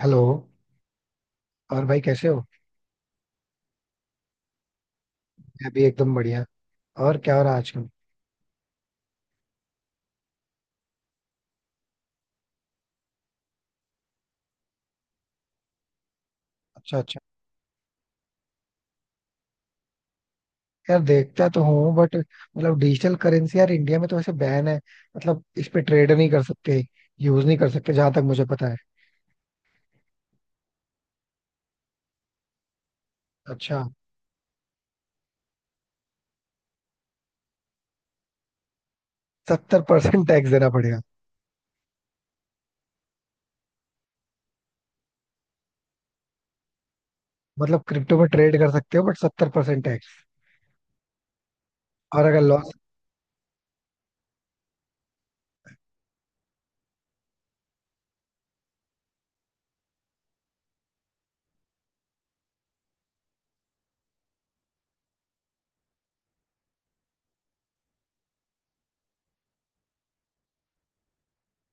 Hello. और भाई कैसे हो? मैं भी एकदम बढ़िया। और क्या हो रहा है आजकल? अच्छा अच्छा। यार देखता तो हूँ बट मतलब डिजिटल करेंसी यार इंडिया में तो वैसे बैन है। मतलब इस पे ट्रेड नहीं कर सकते। यूज नहीं कर सकते जहां तक मुझे पता है। अच्छा। 70% टैक्स देना पड़ेगा। मतलब क्रिप्टो में ट्रेड कर सकते हो बट 70% टैक्स। और अगर लॉस।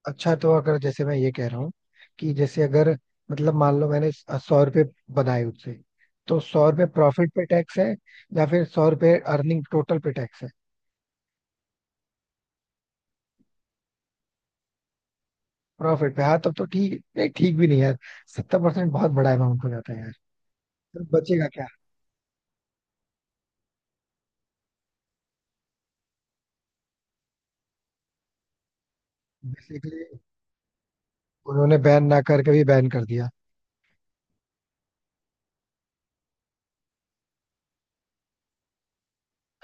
अच्छा तो अगर जैसे मैं ये कह रहा हूँ कि जैसे अगर मतलब मान लो मैंने 100 रुपये बनाए उससे, तो 100 रुपये प्रॉफिट पे टैक्स है या फिर 100 रुपये अर्निंग टोटल पे टैक्स है? प्रॉफिट पे? हाँ तब तो ठीक नहीं, ठीक भी नहीं यार। 70% बहुत बड़ा अमाउंट हो जाता है यार। तो बचेगा क्या? बेसिकली उन्होंने बैन ना करके भी बैन कर दिया।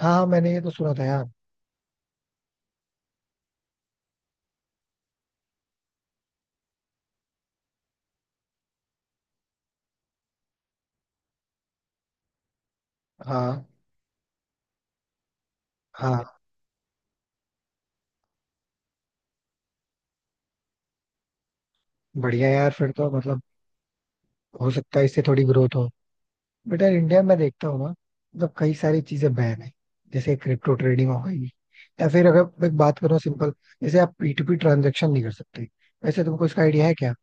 हाँ हाँ, मैंने ये तो सुना था यार। हाँ। हाँ। बढ़िया यार फिर तो मतलब हो सकता है इससे थोड़ी ग्रोथ हो। बट यार इंडिया में देखता हूँ ना मतलब कई सारी चीजें बैन है। जैसे क्रिप्टो ट्रेडिंग हो गई, या फिर अगर मैं बात करूँ सिंपल जैसे आप P2P ट्रांजेक्शन नहीं कर सकते। वैसे तुमको इसका आइडिया है क्या?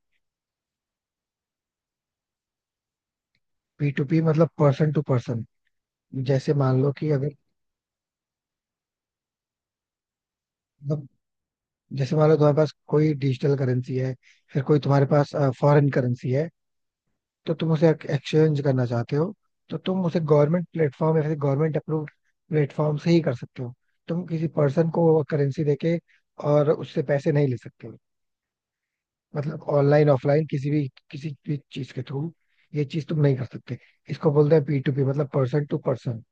पी टू पी मतलब पर्सन टू पर्सन। जैसे मान लो कि अगर मतलब जैसे मान लो तुम्हारे पास कोई डिजिटल करेंसी है, फिर कोई तुम्हारे पास फॉरेन करेंसी है, तो तुम उसे एक्सचेंज करना चाहते हो, तो तुम उसे गवर्नमेंट प्लेटफॉर्म या फिर गवर्नमेंट अप्रूव्ड प्लेटफॉर्म से ही कर सकते हो। तुम किसी पर्सन को करेंसी देके और उससे पैसे नहीं ले सकते हो। मतलब ऑनलाइन ऑफलाइन किसी भी चीज के थ्रू ये चीज तुम नहीं कर सकते। इसको बोलते हैं P2P मतलब पर्सन टू पर्सन।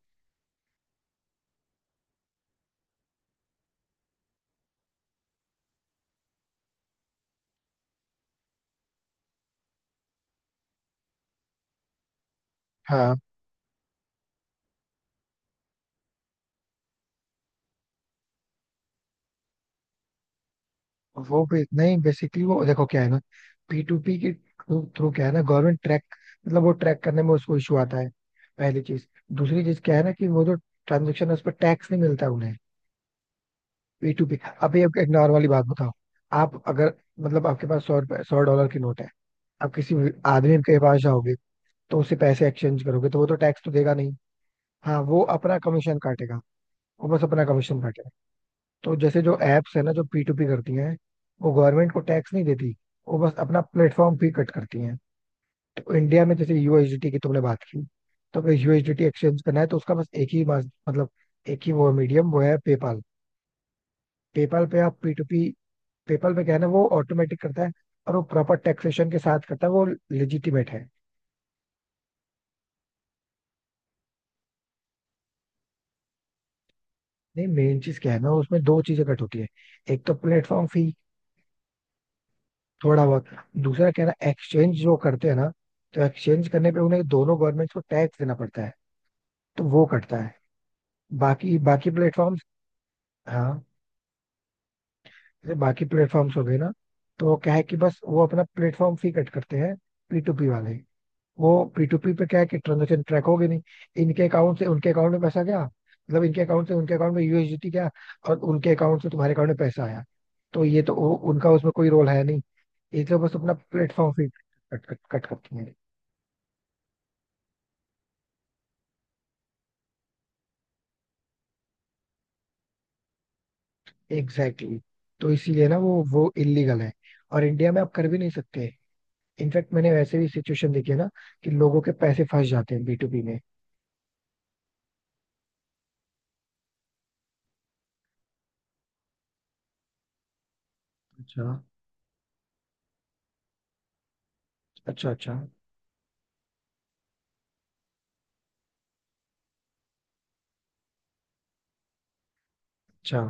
हाँ। वो भी नहीं। बेसिकली वो देखो क्या है ना, P2P के थ्रू क्या है ना, गवर्नमेंट ट्रैक मतलब वो ट्रैक करने में उसको इशू आता है, पहली चीज। दूसरी चीज क्या है ना कि वो जो ट्रांजेक्शन है उस पर टैक्स नहीं मिलता उन्हें, P2P। अभी आपको एक नॉर्मली बात बताओ। आप अगर मतलब आपके पास 100 रुपए $100 की नोट है, आप किसी भी आदमी के पास जाओगे तो उससे पैसे एक्सचेंज करोगे, तो वो तो टैक्स तो देगा नहीं। हाँ वो अपना कमीशन काटेगा। वो बस अपना कमीशन काटेगा। तो जैसे जो एप्स है ना जो P2P करती हैं, वो गवर्नमेंट को टैक्स नहीं देती। वो बस अपना प्लेटफॉर्म फी कट करती हैं। तो इंडिया में जैसे USDT की तुमने बात की, तो अगर USDT एक्सचेंज करना है तो उसका बस एक ही मास- मतलब एक ही वो मीडियम वो है पेपाल। पेपाल पे आप पी टू पी, पेपाल पे क्या है ना वो ऑटोमेटिक करता है। और वो प्रॉपर टैक्सेशन के साथ करता है वो, लेजिटिमेट है। नहीं मेन चीज क्या है ना उसमें दो चीजें कट होती है। एक तो प्लेटफॉर्म फी, थोड़ा बहुत। दूसरा क्या है ना एक्सचेंज जो करते हैं ना, तो एक्सचेंज करने पे उन्हें दोनों गवर्नमेंट को टैक्स देना पड़ता है, तो वो कटता है। बाकी बाकी प्लेटफॉर्म्स। हाँ। जैसे बाकी प्लेटफॉर्म्स हो गए ना, तो वो क्या है कि बस वो अपना प्लेटफॉर्म फी कट करते हैं, पी टू पी वाले। वो P2P पे क्या है कि ट्रांजेक्शन ट्रैक होगी नहीं। इनके अकाउंट से उनके अकाउंट में पैसा गया, मतलब इनके अकाउंट से उनके अकाउंट में USDT गया और उनके अकाउंट से तुम्हारे अकाउंट में पैसा आया। तो ये तो उनका उसमें कोई रोल है नहीं। ये तो बस अपना platform fee cut cut cut करती है। Exactly exactly. तो इसीलिए ना वो इलीगल है और इंडिया में आप कर भी नहीं सकते। इनफैक्ट मैंने वैसे भी सिचुएशन देखी है ना कि लोगों के पैसे फंस जाते हैं, बी में। अच्छा। अच्छा। अच्छा। अच्छा।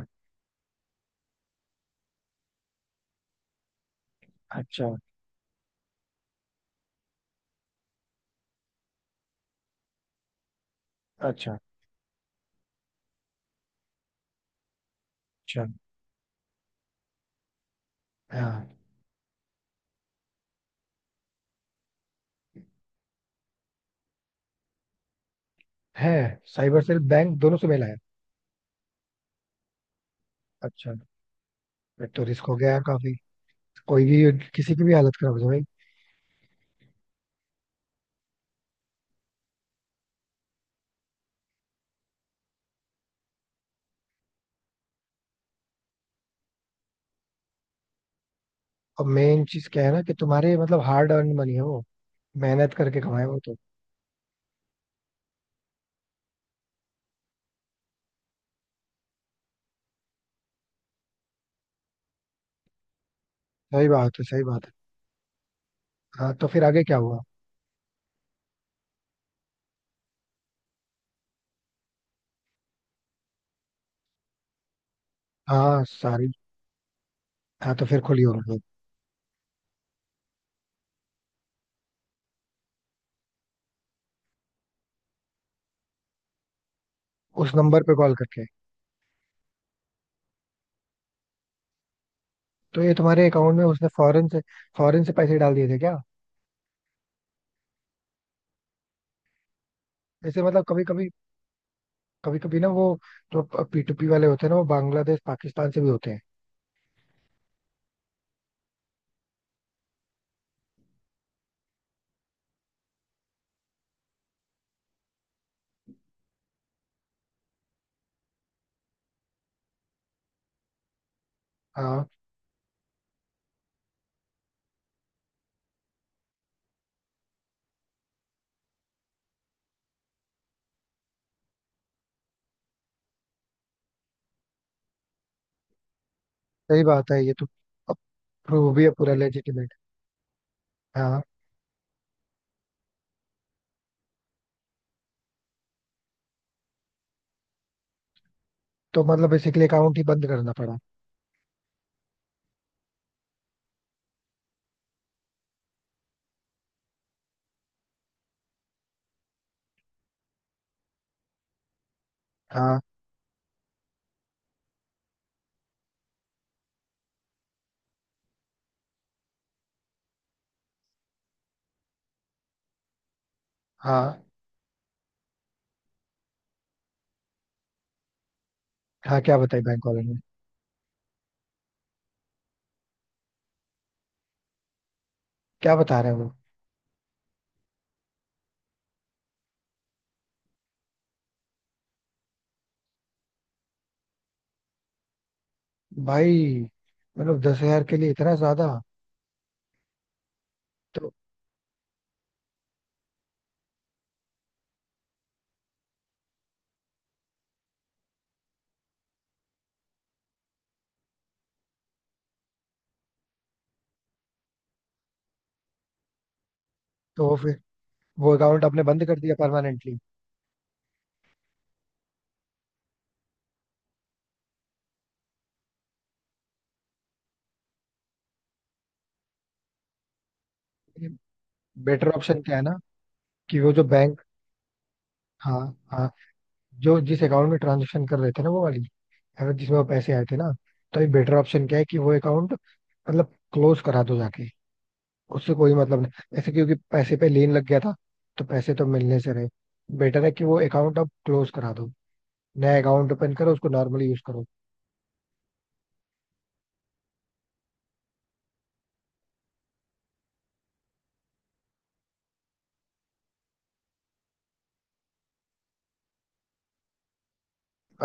अच्छा। अच्छा। अच्छा। हाँ। है। साइबर सेल बैंक दोनों से मिला है। अच्छा। फिर तो रिस्क हो गया यार काफी। कोई भी, किसी की भी हालत खराब हो जाए भाई। और मेन चीज क्या है ना कि तुम्हारे मतलब हार्ड अर्न मनी है वो, मेहनत करके कमाए वो तो। सही बात है, सही बात है। हाँ तो फिर आगे क्या हुआ? हाँ सारी। हाँ तो फिर खुली होगी। उस नंबर पे कॉल करके? तो ये तुम्हारे अकाउंट में उसने फॉरेन से, फॉरेन से पैसे डाल दिए थे क्या? ऐसे मतलब कभी कभी, कभी कभी ना वो जो पी टू पी वाले होते हैं ना वो बांग्लादेश पाकिस्तान से भी होते हैं। हाँ सही बात है ये तो, प्रूव भी है पूरा लेजिटिमेट। हाँ तो मतलब बेसिकली अकाउंट ही बंद करना पड़ा? हाँ। हाँ। हाँ क्या बताई बैंक वाले ने? क्या बता रहे हैं वो? भाई, मतलब 10,000 के लिए इतना ज्यादा? तो? तो फिर वो अकाउंट आपने बंद कर दिया परमानेंटली? बेटर ऑप्शन क्या है ना कि वो जो बैंक, हाँ। हाँ। जो जिस अकाउंट में ट्रांजेक्शन कर रहे थे ना वो वाली, अगर जिसमें वो पैसे आए थे ना, तो ये बेटर ऑप्शन क्या है कि वो अकाउंट मतलब क्लोज करा दो जाके। उससे कोई मतलब नहीं ऐसे, क्योंकि पैसे पे लेन लग गया था तो पैसे तो मिलने से रहे। बेटर है कि वो अकाउंट अब क्लोज करा दो, नया अकाउंट ओपन करो उसको नॉर्मली यूज करो।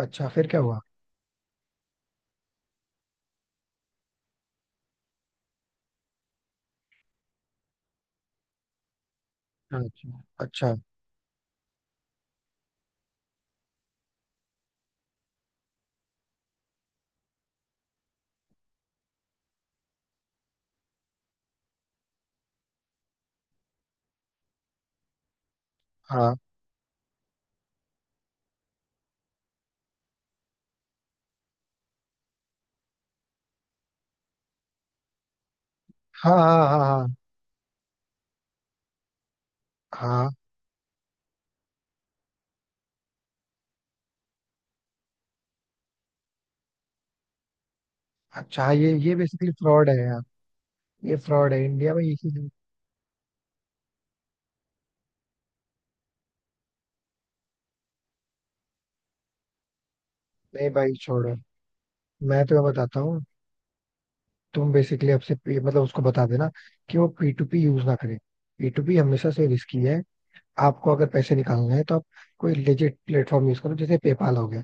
अच्छा फिर क्या हुआ? अच्छा अच्छा। हाँ। हाँ। हाँ। हाँ। हाँ। हाँ। अच्छा। हाँ, ये बेसिकली फ्रॉड है यार। ये फ्रॉड है इंडिया में ये चीज। नहीं भाई छोड़ो। मैं तुम्हें बताता हूँ। तुम बेसिकली आपसे पे- मतलब उसको बता देना कि वो पी टू पी यूज ना करे। P2P हमेशा से रिस्की है। आपको अगर पैसे निकालना है तो आप कोई लेजिट प्लेटफॉर्म यूज करो जैसे पेपाल हो गया।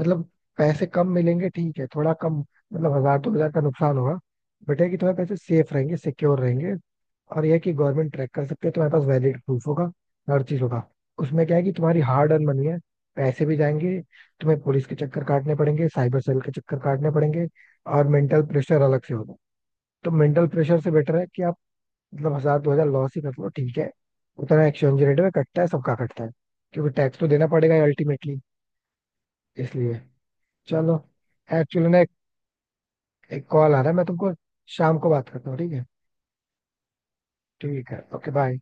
मतलब पैसे कम मिलेंगे, ठीक है थोड़ा कम, मतलब 1,000-2,000 का नुकसान होगा, बट है कि तुम्हारे पैसे सेफ रहेंगे, सिक्योर रहेंगे। और यह कि गवर्नमेंट ट्रैक कर सकते है, तुम्हारे पास वैलिड प्रूफ होगा, हर चीज होगा। उसमें क्या है कि तुम्हारी हार्ड अर्न मनी है, पैसे भी जाएंगे, तुम्हें पुलिस के चक्कर काटने पड़ेंगे, साइबर सेल के चक्कर काटने पड़ेंगे, और मेंटल प्रेशर अलग से होगा। तो मेंटल प्रेशर से बेटर है कि आप मतलब 1,000-2,000 लॉस ही कर लो, ठीक है उतना एक्सचेंज रेट में कटता है, सबका कटता है, क्योंकि टैक्स तो देना पड़ेगा अल्टीमेटली। इसलिए चलो। एक्चुअली ना एक, एक कॉल आ रहा है, मैं तुमको शाम को बात करता हूँ, ठीक है? ठीक है ओके बाय।